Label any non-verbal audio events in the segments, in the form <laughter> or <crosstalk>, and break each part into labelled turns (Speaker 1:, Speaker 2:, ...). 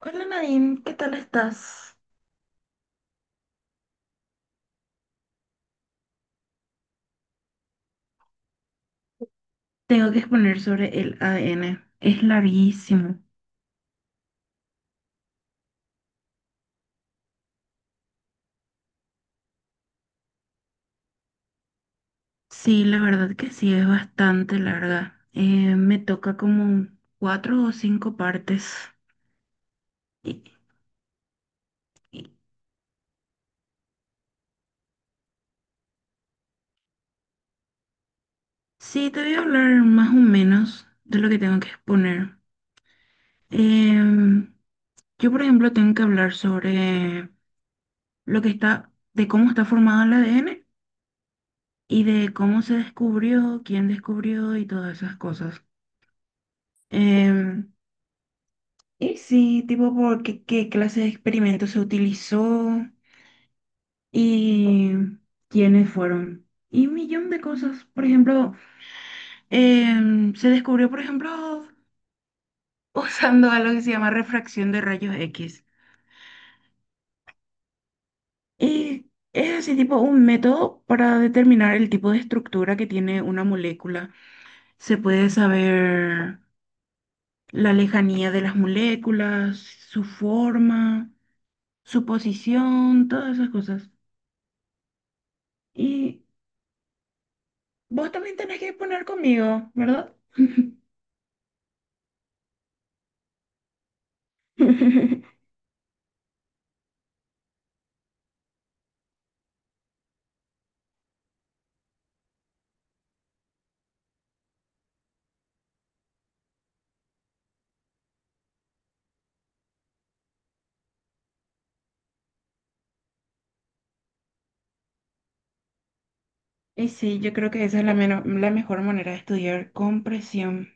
Speaker 1: Hola Nadine, ¿qué tal estás? Tengo que exponer sobre el ADN. Es larguísimo. Sí, la verdad que sí, es bastante larga. Me toca como cuatro o cinco partes. Y, y- sí, te voy a hablar más o menos de lo que tengo que exponer. Em, yo, por ejemplo, tengo que hablar sobre lo que está, de cómo está formado el ADN y de cómo se descubrió, quién descubrió y todas esas cosas. Em, Y sí, tipo, porque qué clase de experimento se utilizó y quiénes fueron. Y un millón de cosas. Por ejemplo, se descubrió, por ejemplo, <laughs> usando algo que se llama refracción de rayos X. Y es así, tipo, un método para determinar el tipo de estructura que tiene una molécula. Se puede saber la lejanía de las moléculas, su forma, su posición, todas esas cosas. Y vos también tenés que poner conmigo, ¿verdad? <laughs> Y sí, yo creo que esa es la, meno- la mejor manera de estudiar con presión.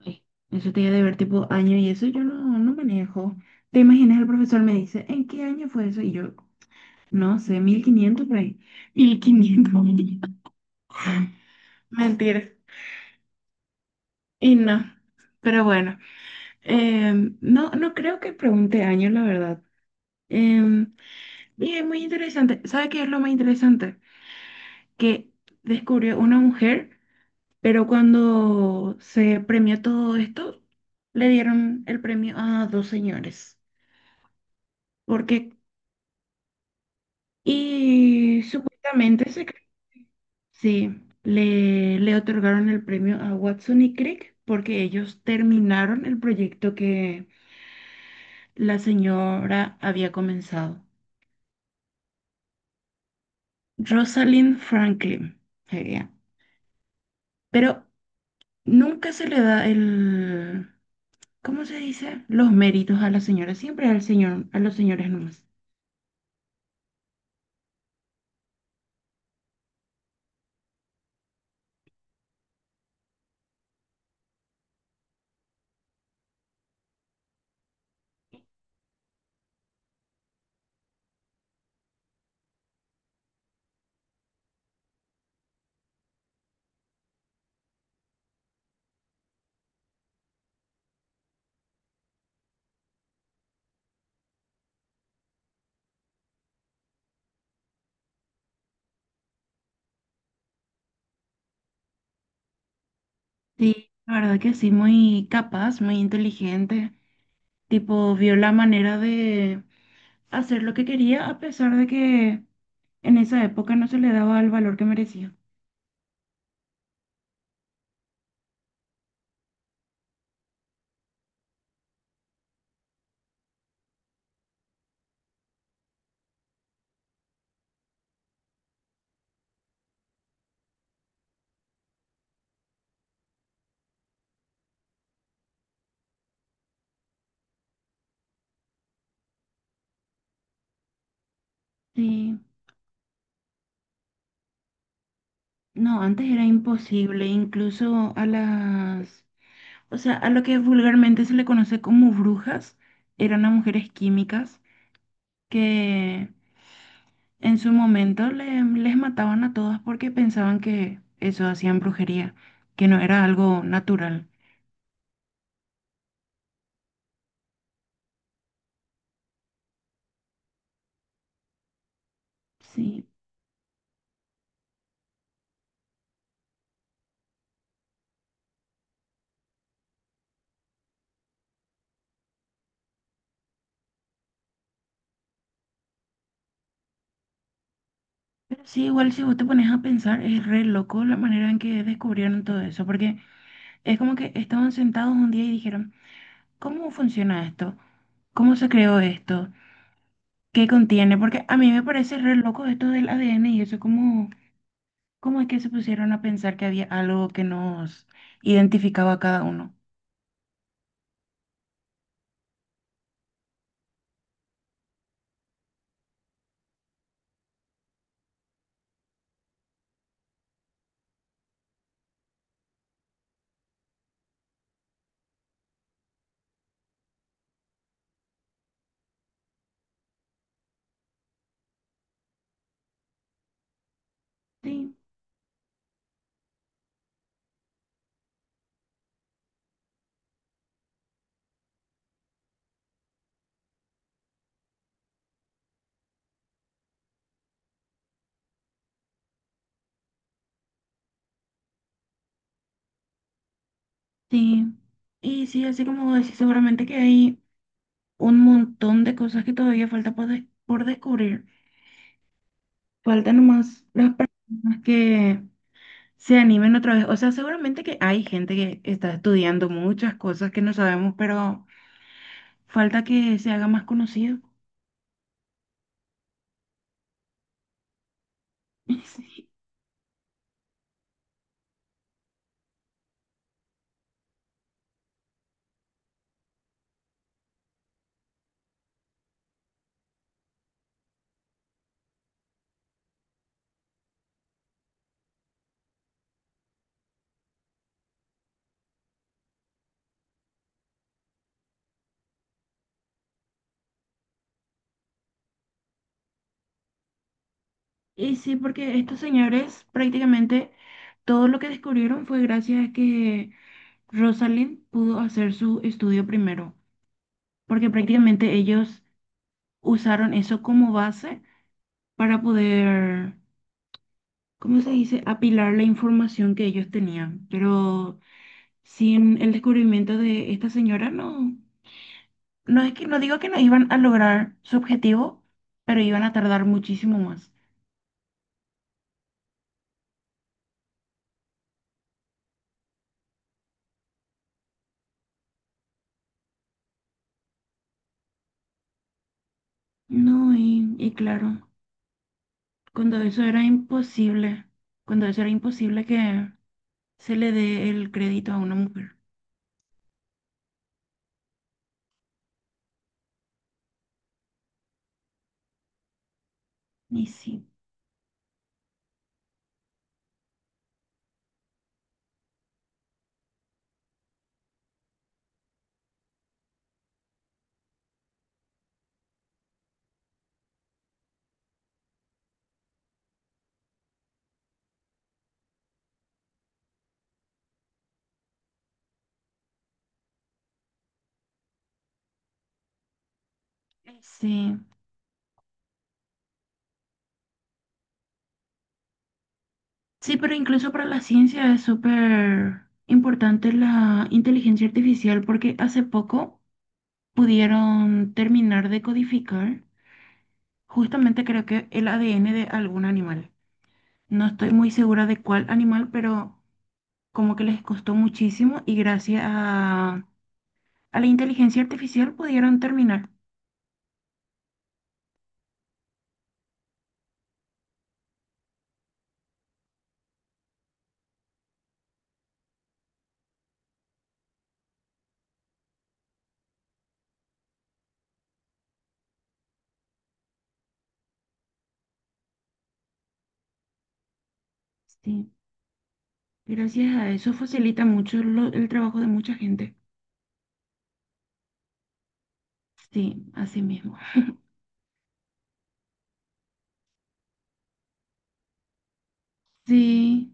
Speaker 1: Ay, eso te iba a deber tipo año y eso yo no, no manejo. ¿Te imaginas? El profesor me dice, ¿en qué año fue eso? Y yo, no sé, 1500 por ahí. 1500, <laughs> mentira. Y no. Pero bueno, no, no creo que pregunte años, la verdad. Em, y es muy interesante. ¿Sabe qué es lo más interesante? Que descubrió una mujer, pero cuando se premió todo esto, le dieron el premio a dos señores. Porque, y supuestamente se, cre- sí, le otorgaron el premio a Watson y Crick porque ellos terminaron el proyecto que la señora había comenzado. Rosalind Franklin sería. Pero nunca se le da el ¿cómo se dice? Los méritos a la señora, siempre al señor, a los señores nomás. Sí, la verdad que sí, muy capaz, muy inteligente. Tipo, vio la manera de hacer lo que quería a pesar de que en esa época no se le daba el valor que merecía. Sí, no, antes era imposible, incluso a las, o sea, a lo que vulgarmente se le conoce como brujas, eran a mujeres químicas que en su momento le- les mataban a todas porque pensaban que eso hacían brujería, que no era algo natural. Sí, pero sí, igual si vos te pones a pensar, es re loco la manera en que descubrieron todo eso, porque es como que estaban sentados un día y dijeron, ¿cómo funciona esto? ¿Cómo se creó esto? ¿Qué contiene? Porque a mí me parece re loco esto del ADN y eso, ¿cómo, cómo es que se pusieron a pensar que había algo que nos identificaba a cada uno? Sí, sí, y sí, así como vos decís, seguramente que hay un montón de cosas que todavía falta por, des- por descubrir. Faltan nomás las personas que se animen otra vez. O sea, seguramente que hay gente que está estudiando muchas cosas que no sabemos, pero falta que se haga más conocido. <laughs> Y sí, y sí, porque estos señores prácticamente todo lo que descubrieron fue gracias a que... Rosalind pudo hacer su estudio primero, porque prácticamente ellos usaron eso como base para poder, ¿cómo se dice?, apilar la información que ellos tenían. Pero sin el descubrimiento de esta señora, no, no es que no digo que no iban a lograr su objetivo, pero iban a tardar muchísimo más. No, y claro, cuando eso era imposible, cuando eso era imposible que se le dé el crédito a una mujer. Y sí, sí. Sí, pero incluso para la ciencia es súper importante la inteligencia artificial porque hace poco pudieron terminar de codificar justamente creo que el ADN de algún animal. No estoy muy segura de cuál animal, pero como que les costó muchísimo y gracias a la inteligencia artificial pudieron terminar. Sí, gracias a eso facilita mucho lo- el trabajo de mucha gente. Sí, así mismo. Sí.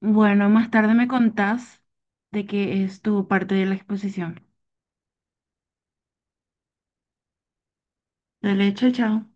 Speaker 1: Bueno, más tarde me contás de qué es tu parte de la exposición. Dale, chao, chao.